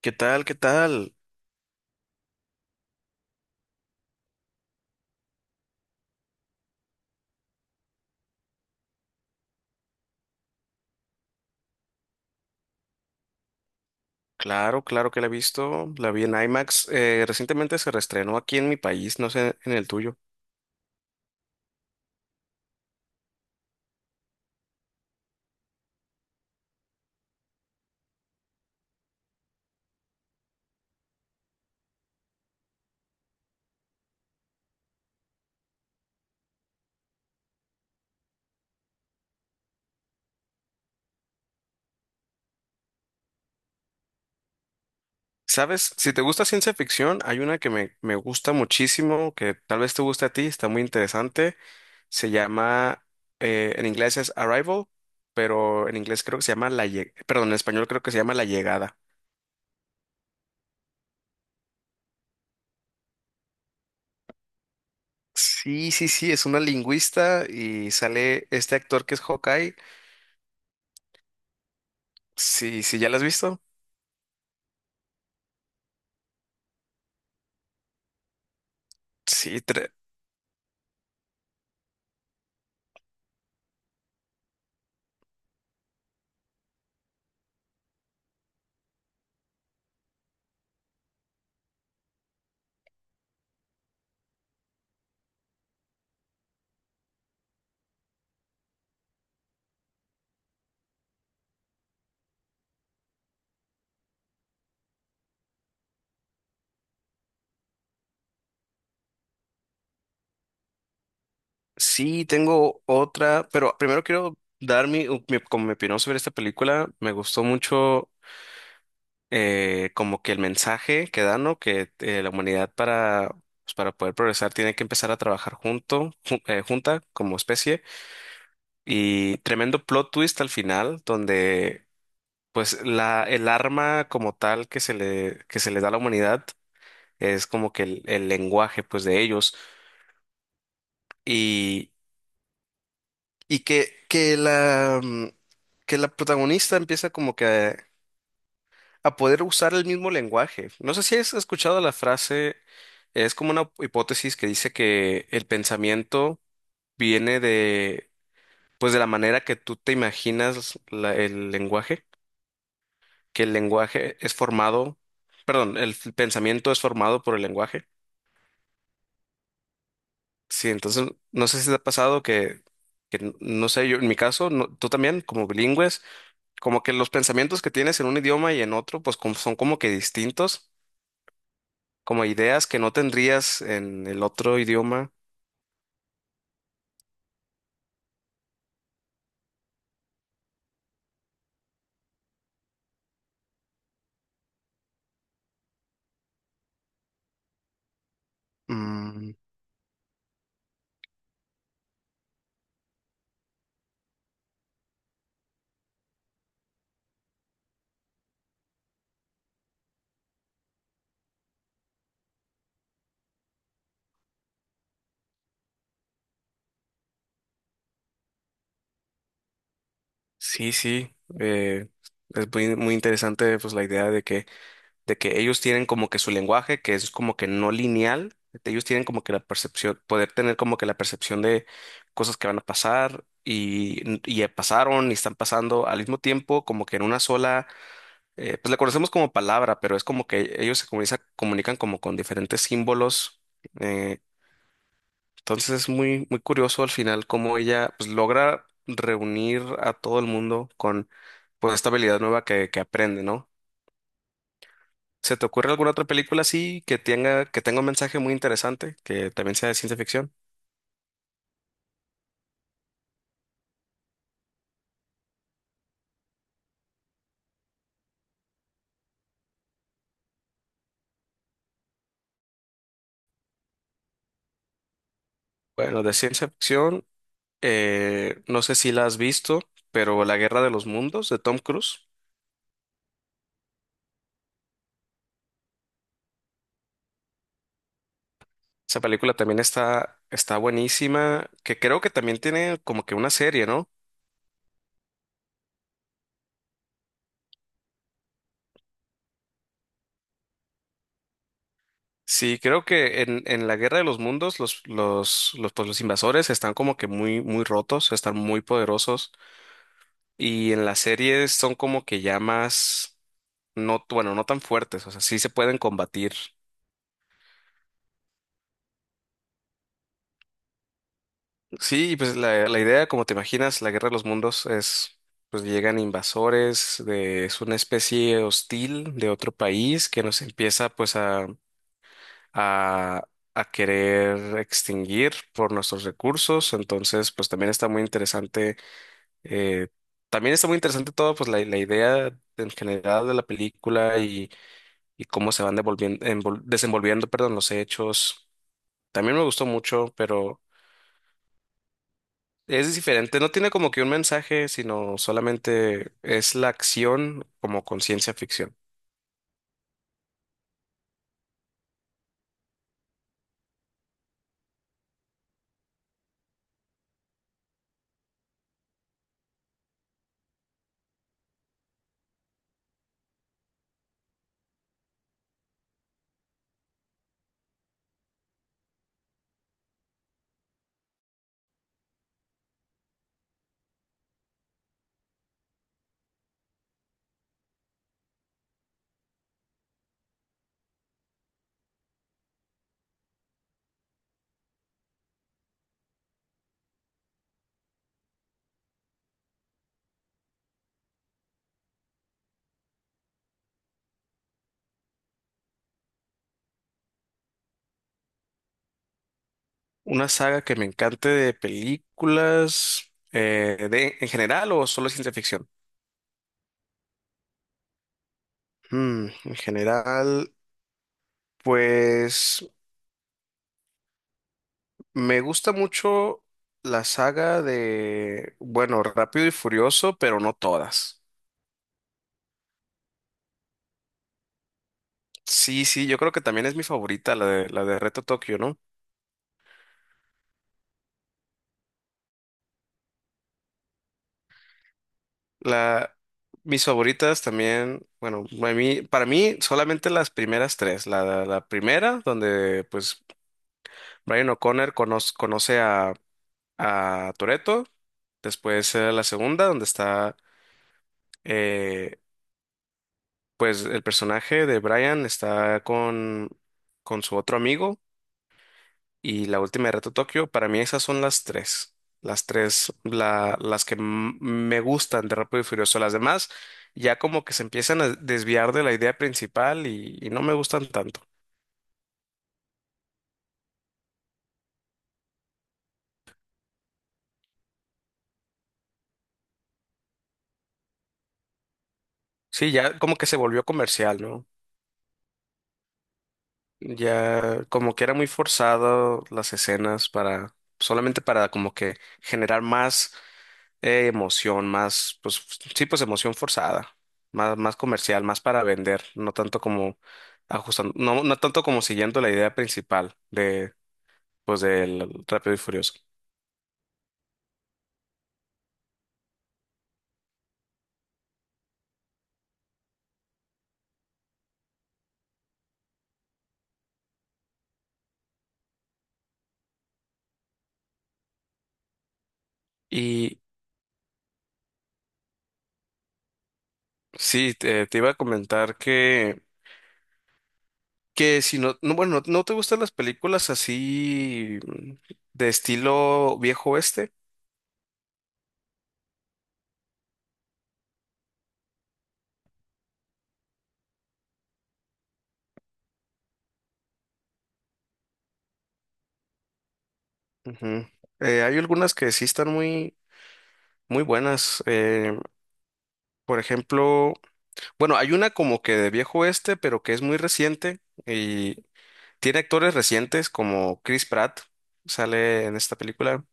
¿Qué tal? ¿Qué tal? Claro, claro que la he visto. La vi en IMAX. Recientemente se reestrenó aquí en mi país, no sé en el tuyo. ¿Sabes? Si te gusta ciencia ficción, hay una que me gusta muchísimo, que tal vez te guste a ti, está muy interesante. Se llama, en inglés es Arrival, pero en inglés creo que se llama La Llegada, perdón, en español creo que se llama La Llegada. Sí, sí, sí, es una lingüista y sale este actor que es Hawkeye. Sí, sí, ¿ya la has visto? Sí. Sí, tengo otra, pero primero quiero dar mi, u- mi- como mi opinión sobre esta película. Me gustó mucho, como que el mensaje que da, ¿no? Que la humanidad para poder progresar tiene que empezar a trabajar junta como especie. Y tremendo plot twist al final, donde pues el arma como tal que se le da a la humanidad es como que el lenguaje pues de ellos. Y que la protagonista empieza como que a poder usar el mismo lenguaje. No sé si has escuchado la frase, es como una hipótesis que dice que el pensamiento viene de, pues de la manera que tú te imaginas el lenguaje, que el lenguaje es formado, perdón, el pensamiento es formado por el lenguaje. Sí, entonces no sé si te ha pasado que no sé, yo en mi caso, tú también, como bilingües. Como que los pensamientos que tienes en un idioma y en otro, pues son como que distintos, como ideas que no tendrías en el otro idioma. Mm. Sí, sí, es muy, muy interesante pues la idea de que ellos tienen como que su lenguaje, que es como que no lineal. Ellos tienen como que la percepción, poder tener como que la percepción de cosas que van a pasar y ya pasaron y están pasando al mismo tiempo, como que en una sola pues la conocemos como palabra, pero es como que ellos se comunican como con diferentes símbolos. eh, entonces es muy, muy curioso al final cómo ella pues, logra reunir a todo el mundo con pues esta habilidad nueva que aprende, ¿no? ¿Se te ocurre alguna otra película así que tenga, un mensaje muy interesante, que también sea de ciencia ficción? Bueno, de ciencia ficción, no sé si la has visto, pero La Guerra de los Mundos de Tom Cruise. Esa película también está buenísima, que creo que también tiene como que una serie, ¿no? Sí, creo que en la Guerra de los Mundos los invasores están como que muy, muy rotos, están muy poderosos, y en las series son como que ya más, no, bueno, no tan fuertes, o sea, sí se pueden combatir. Sí, y pues la idea, como te imaginas, la Guerra de los Mundos es, pues llegan invasores, es una especie hostil de otro país que nos empieza pues a, a querer extinguir por nuestros recursos. Entonces, pues también está muy interesante, eh, también está muy interesante todo, pues la idea en general de la película y cómo se van devolviendo, desenvolviendo, perdón, los hechos. También me gustó mucho, pero es diferente. No tiene como que un mensaje, sino solamente es la acción como con ciencia ficción. Una saga que me encante de películas, en general o solo ciencia ficción. Mm, en general, pues me gusta mucho la saga de, bueno, Rápido y Furioso, pero no todas. Sí, sí, yo creo que también es mi favorita, la de Reto Tokio, ¿no? La, Mis favoritas también, bueno, para mí solamente las primeras tres. La primera, donde pues Brian O'Connor conoce a Toretto. Después la segunda, donde está, eh, pues el personaje de Brian está con su otro amigo y la última de Reto Tokio. Para mí esas son las tres. Las tres, las que me gustan de Rápido y Furioso. Las demás ya como que se empiezan a desviar de la idea principal y no me gustan tanto. Sí, ya como que se volvió comercial, ¿no? Ya como que era muy forzado las escenas para solamente para como que generar más emoción, más pues sí pues emoción forzada, más comercial, más para vender, no tanto como ajustando, no tanto como siguiendo la idea principal de pues del Rápido y Furioso. Y sí, te iba a comentar que, si no, no, bueno, ¿no te gustan las películas así, de estilo viejo oeste? Ujú. Hay algunas que sí están muy, muy buenas. Por ejemplo, bueno, hay una como que de viejo oeste, pero que es muy reciente y tiene actores recientes como Chris Pratt, sale en esta película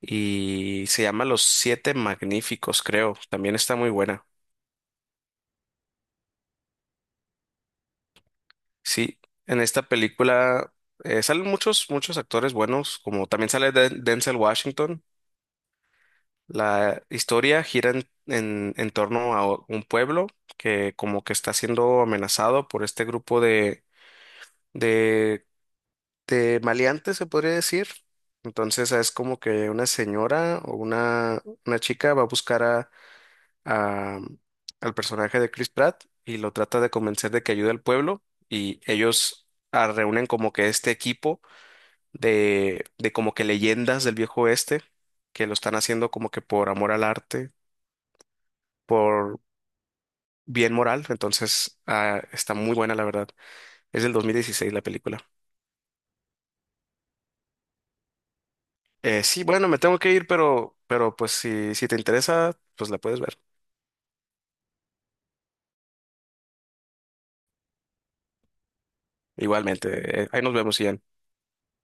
y se llama Los Siete Magníficos, creo. También está muy buena. Sí, en esta película salen muchos, muchos actores buenos, como también sale Denzel Washington. La historia gira en torno a un pueblo que como que está siendo amenazado por este grupo de, de maleantes, se podría decir. Entonces es como que una señora o una chica va a buscar a- al personaje de Chris Pratt y lo trata de convencer de que ayude al pueblo y ellos reúnen como que este equipo de como que leyendas del viejo oeste, que lo están haciendo como que por amor al arte, por bien moral. Entonces, está muy buena la verdad. Es del 2016 la película. Sí, bueno, me tengo que ir, pero, pues si te interesa, pues la puedes ver. Igualmente, ahí nos vemos, Ian.